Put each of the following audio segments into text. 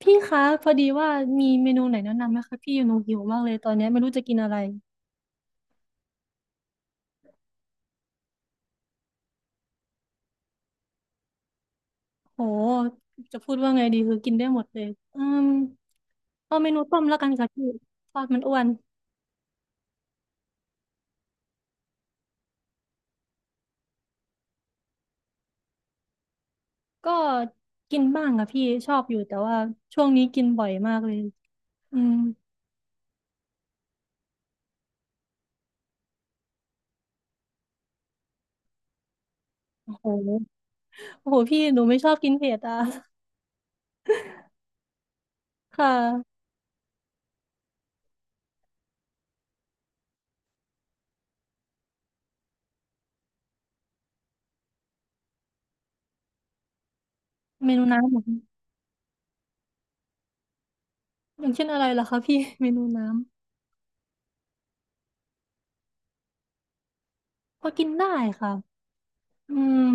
พี่คะพอดีว่ามีเมนูไหนแนะนำไหมคะพี่หนูหิวมากเลยตอนนี้ไม่รู้จะกินอะไรโหจะพูดว่าไงดีคือกินได้หมดเลยอืมเอาเมนูต้มแล้วกันค่ะพี่ทอดมันอ้วนก็กินบ้างค่ะพี่ชอบอยู่แต่ว่าช่วงนี้กินบ่อยมากเลยอืมโหโอ้โหพี่หนูไม่ชอบกินเผ็ดอ่ะค่ะเมนูน้ำเหรอคะอย่างเช่นอะไรล่ะคะพี่เมนูน้ำพอกินได้ค่ะอืม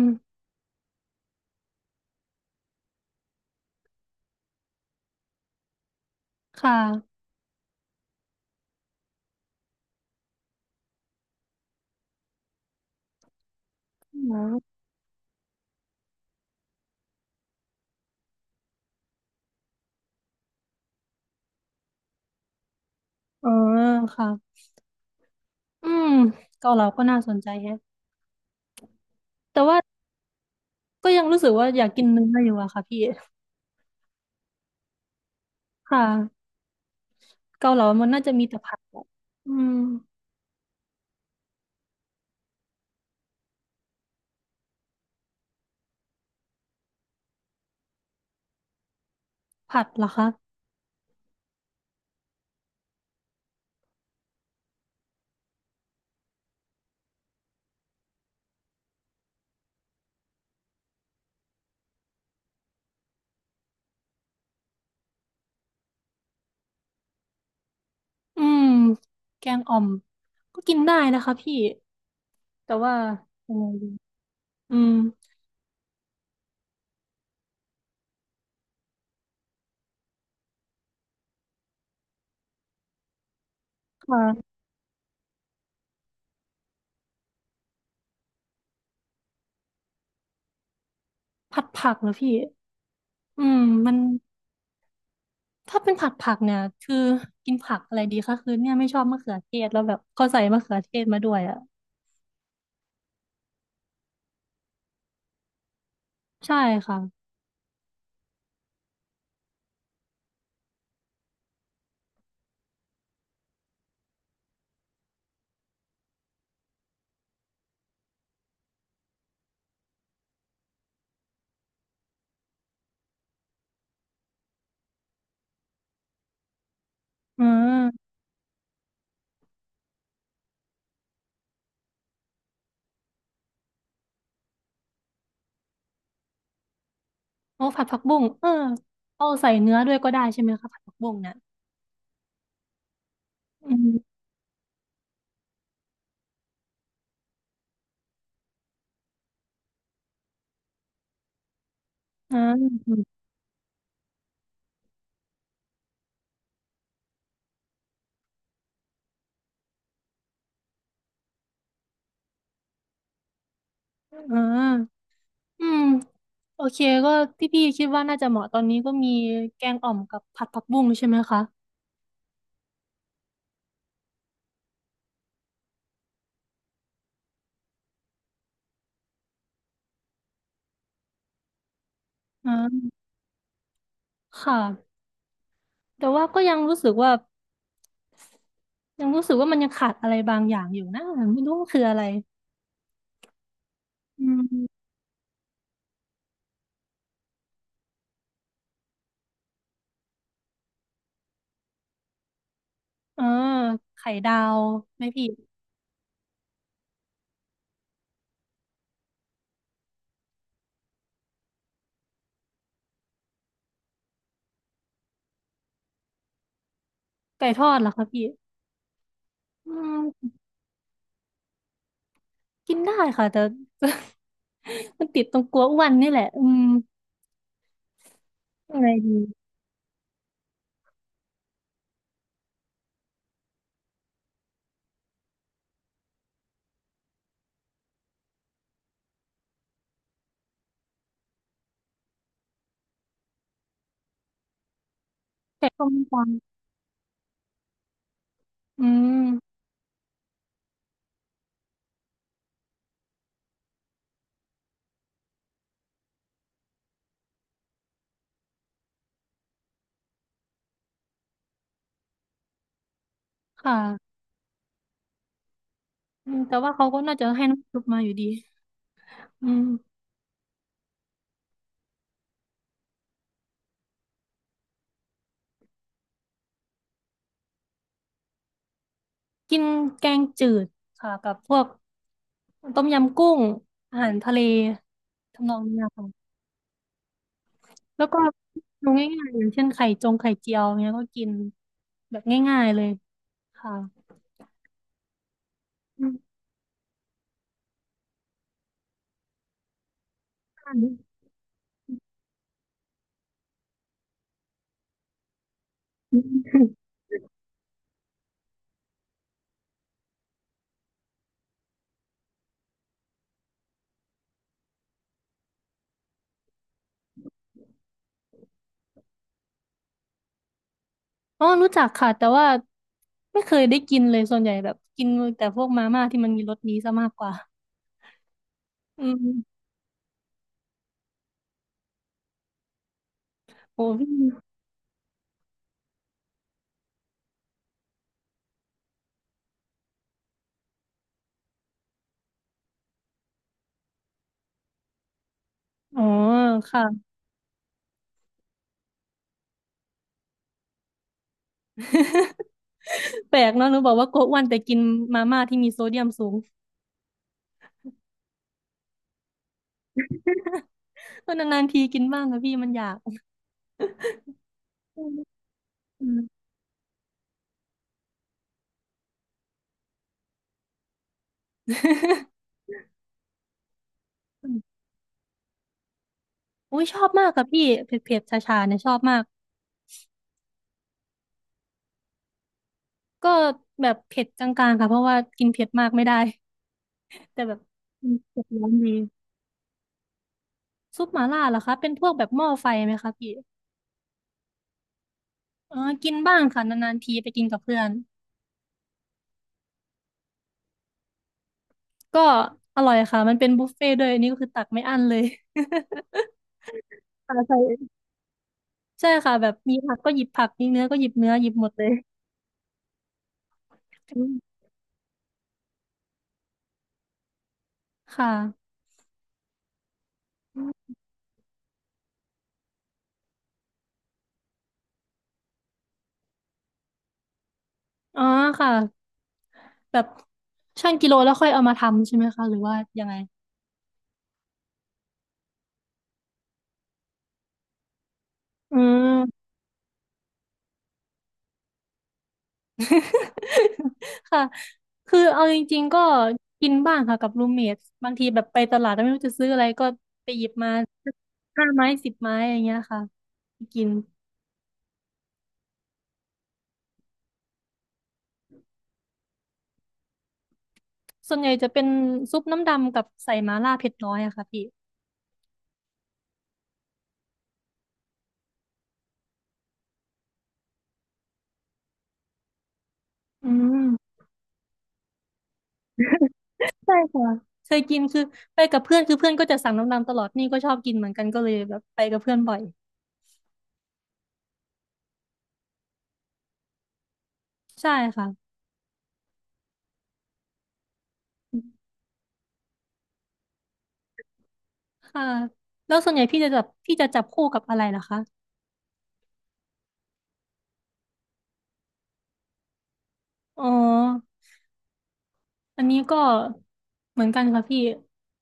ค่ะออเออค่ะ อืมเกาเหลาก็น่าสนใจแฮะแต่ว่าก็ยังรู้สึกว่าอยากกินเนื้ออยู่อะค่ะพี่ค่ะเกาเหลามันน่าจะมีแต่ผัดอะอืมผัดเหรอคะอืมแกงอ่อมกินได้นะคะพี่แต่ว่ายังไงดีอืมค่ะผัดผักเหรอพี่อืมมันถ้าเป็นผัดผักเนี่ยคือกินผักอะไรดีคะคือเนี่ยไม่ชอบมะเขือเทศแล้วแบบเขาใส่มะเขือเทศมาด้วยอะใช่ค่ะอืม โอ้ผัดผักบุ้งเออเอาใส่เนื้อด้วยก็ได้ใช่ไหมคะผัดผักบุ้งเนี่ยอืมอ่าอ่าอืมโอเคก็ที่พี่คิดว่าน่าจะเหมาะตอนนี้ก็มีแกงอ่อมกับผัดผักบุ้งใช่ไหมคะอ่าค่ะแต่ว่าก็ยังรู้สึกว่ามันยังขาดอะไรบางอย่างอยู่นะไม่รู้ว่าคืออะไรอืมอ่าไข่ดาวไหมพี่ไก่ทอดเหรอคะพี่อืมกินได้ค่ะแต่ มันติดตรงกลัวอ้วนนี่แหละอืมยังไงดี แต่ก็ไม่ฟังอืมค่ะอืมแต่ว่าเขาก็น่าจะให้น้ำซุปมาอยู่ดีอืมกินแกงจืดค่ะกับพวกต้มยำกุ้งอาหารทะเลทำนองเนี้ยค่ะแล้วก็ดูง่ายๆอย่างเช่นไข่จงไข่เจียวเนี้ยก็กินแบบง่ายๆเลยค่ะอืมค่ะอ๋อรู้จักค่ะแต่ว่าไม่เคยได้กินเลยส่วนใหญ่แบบกินแต่พวกมาม่าที่มันมีรสนี้ซะมากกว่าอืมโอ้พี่อ๋อค่ะ แปลกเนาะหนูบอกว่าโกะอ้วนแต่กินมาม่าที่มีโซเดียมสูงเออนานๆทีกินบ้างค่ะพี่มันอยากอืม อืมอุ้ยชอบมากค่ะพี่เผ็ดๆชาชาๆเนี่ยชอบมากก็แบบเผ็ดกลางๆค่ะเพราะว่ากินเผ็ดมากไม่ได้ แต่แบบอืมเผ็ดร้อนดีซุปหม่าล่าเหรอคะเป็นพวกแบบหม้อไฟไหมคะพี่เออกินบ้างค่ะนานๆทีไปกินกับเพื่อนก็อร่อยค่ะมันเป็นบุฟเฟ่ต์ด้วยอันนี่ก็คือตักไม่อั้นเลย ค่ะใช่ ใช่ค่ะแบบมีผักก็หยิบผักมีเนื้อก็หยิบเนื้อหยิบหมดเลยอืมค่ะอ๋อค่ะแบบชั่งกิโลแล้วค่อยเอามาทำใช่ไหมคะหรือว่ายังไงอืม ค่ะคือเอาจริงๆกินบ้างค่ะกับรูมเมทบางทีแบบไปตลาดแล้วไม่รู้จะซื้ออะไรก็ไปหยิบมาห้าไม้สิบไม้อย่างเงี้ยค่ะไปกินส่วนใหญ่จะเป็นซุปน้ำดำกับใส่มาล่าเผ็ดน้อยอะค่ะพี่อืม ใช่ค่ะเคยกินคือไปกับเพื่อนคือเพื่อนก็จะสั่งน้ำดำตลอดนี่ก็ชอบกินเหมือนกันก็เลยแบบไปกับเพื่อนบ่อยใช่ค่ะค่ะแล้วส่วนใหญ่พี่จะจับคู่กับอะไรล่ะคะอ๋ออันนี้ก็เหมือนกันค่ะพี่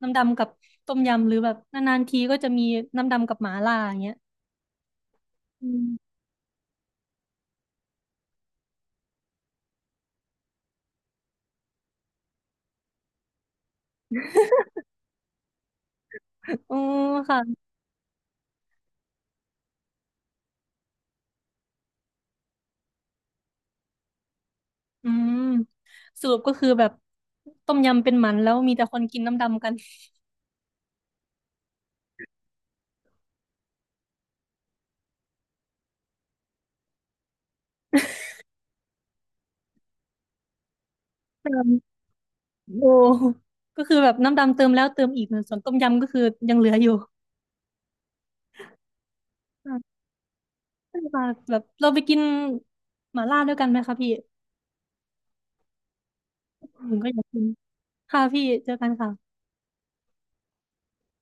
น้ำดำกับต้มยำหรือแบบนานๆทีก็จะมีน้ำดำกับหมาล่าอย่างเงี้ยอืมอ๋อค่ะอืมสรุปก็คือแบบต้มยำเป็นหมันแล้วมีแต่คนกินน้ำดำกัน โอ้ก็คือแบบน้ำดำเติมแล้วเติมอีกส่วนต้มยำก็คือยังเหลืออยู่อ่าได้ค่ะแบบเราไปกินหม่าล่าด้วยกันไหมคะพี่ผมก็อยากกินค่ะพี่เจอกันค่ะ